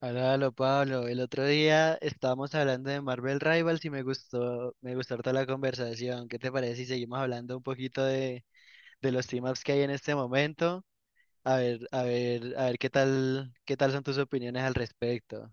Hola, háblalo, Pablo. El otro día estábamos hablando de Marvel Rivals y me gustó harta la conversación. ¿Qué te parece si seguimos hablando un poquito de los team-ups que hay en este momento? A ver qué tal son tus opiniones al respecto.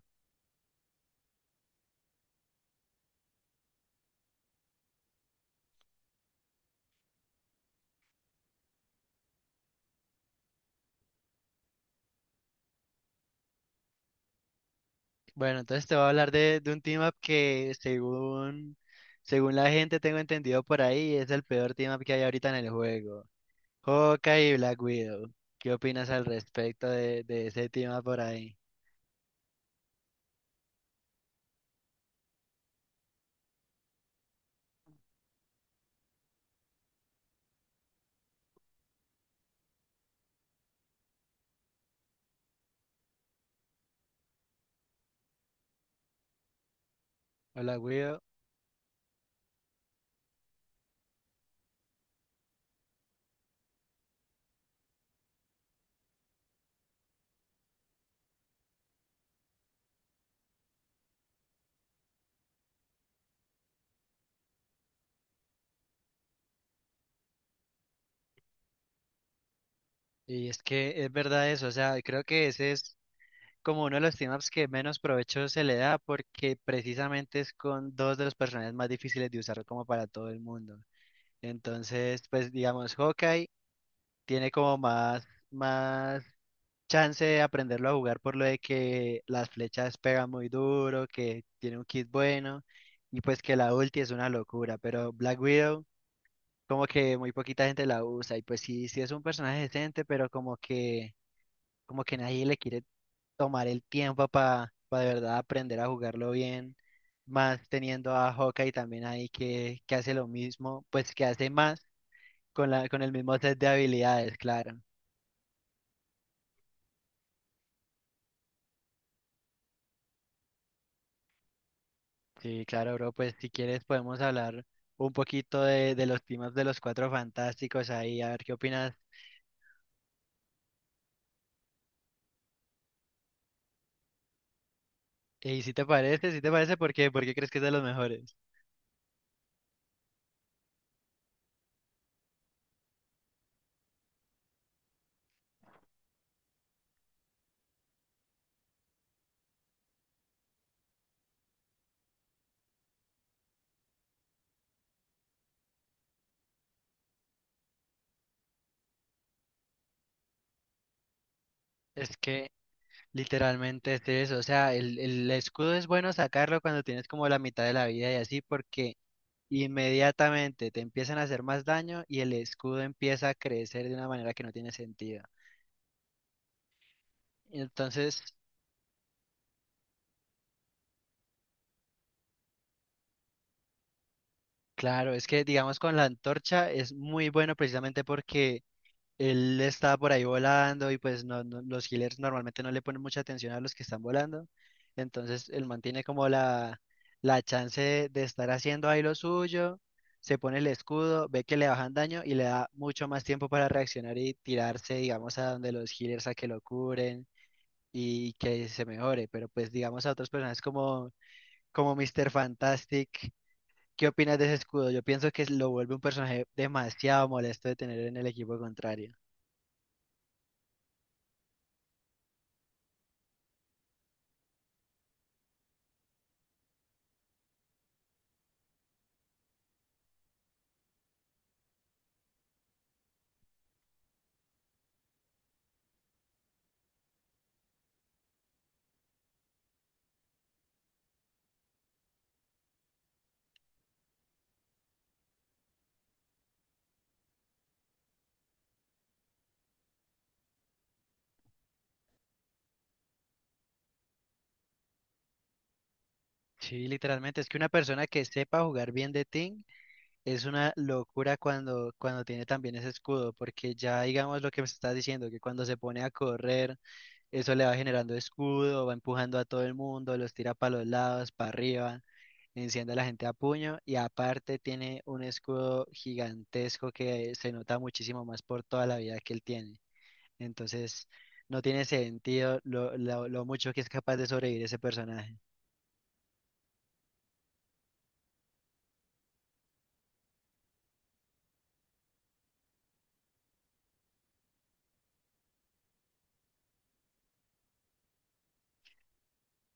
Bueno, entonces te voy a hablar de un team-up que según la gente tengo entendido por ahí, es el peor team-up que hay ahorita en el juego. Hawkeye y Black Widow. ¿Qué opinas al respecto de ese team-up por ahí? Hola, Widow. Y es que es verdad eso, o sea, creo que ese es como uno de los team-ups que menos provecho se le da porque precisamente es con dos de los personajes más difíciles de usar como para todo el mundo. Entonces, pues digamos, Hawkeye tiene como más chance de aprenderlo a jugar por lo de que las flechas pegan muy duro, que tiene un kit bueno y pues que la ulti es una locura, pero Black Widow como que muy poquita gente la usa y pues sí, sí es un personaje decente, pero como que nadie le quiere tomar el tiempo para de verdad aprender a jugarlo bien, más teniendo a Hawkeye también ahí que hace lo mismo, pues que hace más con con el mismo set de habilidades, claro. Sí, claro, bro, pues si quieres podemos hablar un poquito de los temas de los cuatro fantásticos ahí, a ver qué opinas. Y si te parece, ¿por qué? ¿Por qué crees que es de los mejores? Es que literalmente es eso, o sea, el escudo es bueno sacarlo cuando tienes como la mitad de la vida y así, porque inmediatamente te empiezan a hacer más daño y el escudo empieza a crecer de una manera que no tiene sentido. Entonces, claro, es que digamos con la antorcha es muy bueno precisamente porque él está por ahí volando y pues los healers normalmente no le ponen mucha atención a los que están volando. Entonces, él mantiene como la chance de estar haciendo ahí lo suyo, se pone el escudo, ve que le bajan daño y le da mucho más tiempo para reaccionar y tirarse, digamos, a donde los healers a que lo curen y que se mejore, pero pues digamos a otros personajes como Mr. Fantastic, ¿qué opinas de ese escudo? Yo pienso que lo vuelve un personaje demasiado molesto de tener en el equipo contrario. Sí, literalmente, es que una persona que sepa jugar bien de Ting es una locura cuando tiene también ese escudo, porque ya digamos lo que me estás diciendo, que cuando se pone a correr, eso le va generando escudo, va empujando a todo el mundo, los tira para los lados, para arriba. Enciende a la gente a puño y aparte tiene un escudo gigantesco que se nota muchísimo más por toda la vida que él tiene. Entonces, no tiene sentido lo mucho que es capaz de sobrevivir ese personaje.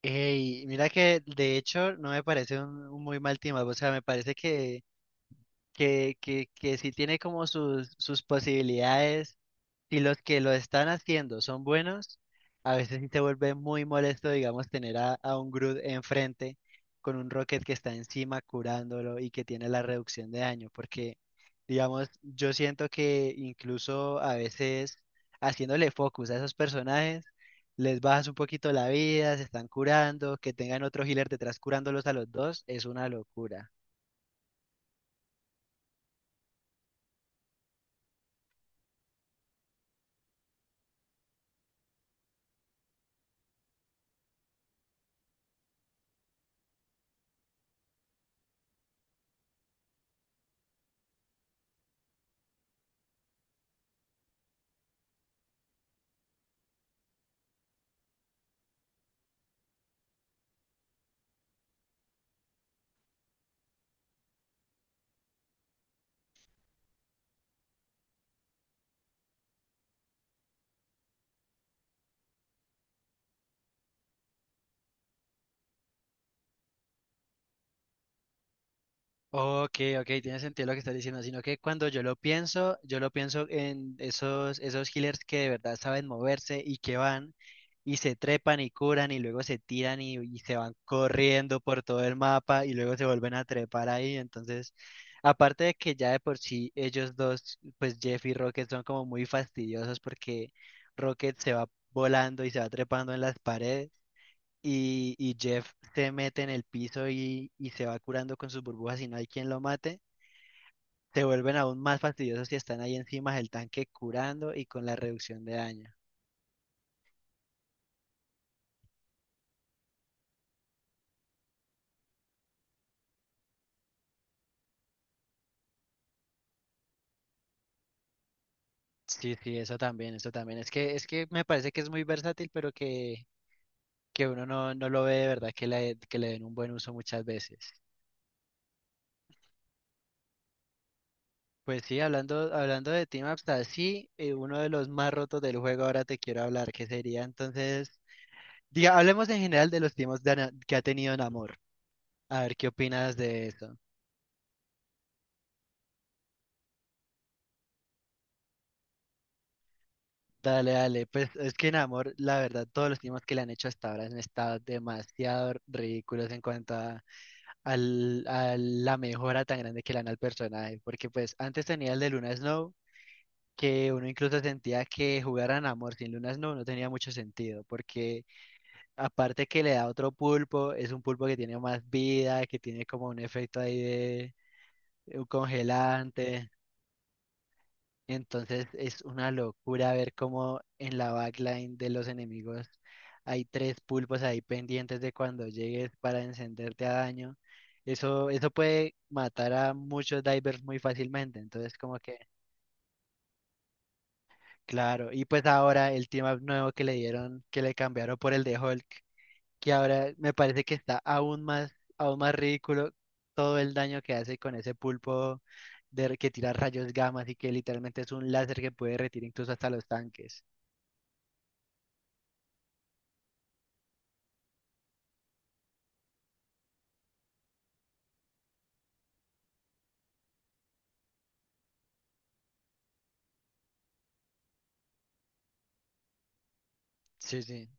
Ey, mira que de hecho no me parece un muy mal team up, o sea, me parece que sí tiene como sus, sus posibilidades si los que lo están haciendo son buenos, a veces sí se vuelve muy molesto, digamos, tener a un Groot enfrente con un Rocket que está encima curándolo y que tiene la reducción de daño, porque, digamos, yo siento que incluso a veces haciéndole focus a esos personajes, les bajas un poquito la vida, se están curando, que tengan otro healer detrás curándolos a los dos, es una locura. Ok, ok, tiene sentido lo que estás diciendo, sino que cuando yo lo pienso en esos healers que de verdad saben moverse y que van y se trepan y curan y luego se tiran y se van corriendo por todo el mapa y luego se vuelven a trepar ahí. Entonces, aparte de que ya de por sí ellos dos, pues Jeff y Rocket son como muy fastidiosos porque Rocket se va volando y se va trepando en las paredes y Jeff se mete en el piso y se va curando con sus burbujas y no hay quien lo mate, se vuelven aún más fastidiosos si están ahí encima del tanque curando y con la reducción de daño. Sí, sí, eso también, eso también. Es que me parece que es muy versátil, pero que uno no lo ve de verdad que que le den un buen uso muchas veces. Pues sí, hablando de Team Ups, así, uno de los más rotos del juego ahora te quiero hablar, que sería entonces, diga, hablemos en general de los team ups de que ha tenido Namor. A ver, ¿qué opinas de eso? Dale, dale. Pues es que en amor, la verdad, todos los temas que le han hecho hasta ahora han estado demasiado ridículos en cuanto a la mejora tan grande que le dan al personaje. Porque pues antes tenía el de Luna Snow, que uno incluso sentía que jugar a amor sin Luna Snow no tenía mucho sentido. Porque aparte que le da otro pulpo, es un pulpo que tiene más vida, que tiene como un efecto ahí de un congelante. Entonces es una locura ver cómo en la backline de los enemigos hay tres pulpos ahí pendientes de cuando llegues para encenderte a daño. Eso puede matar a muchos divers muy fácilmente. Entonces como que, claro. Y pues ahora el team up nuevo que le dieron, que le cambiaron por el de Hulk, que ahora me parece que está aún más ridículo todo el daño que hace con ese pulpo de, que tira rayos gamma y que literalmente es un láser que puede retirar incluso hasta los tanques. Sí, sí,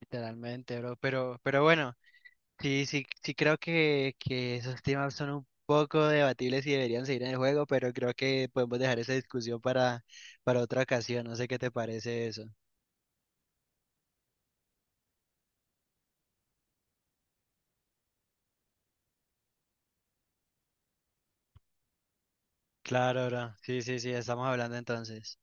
literalmente, bro. Pero bueno, sí, sí, sí creo que esos temas son un poco debatibles y deberían seguir en el juego, pero creo que podemos dejar esa discusión para otra ocasión. No sé qué te parece eso. Claro, bro. Sí, sí, sí, estamos hablando entonces.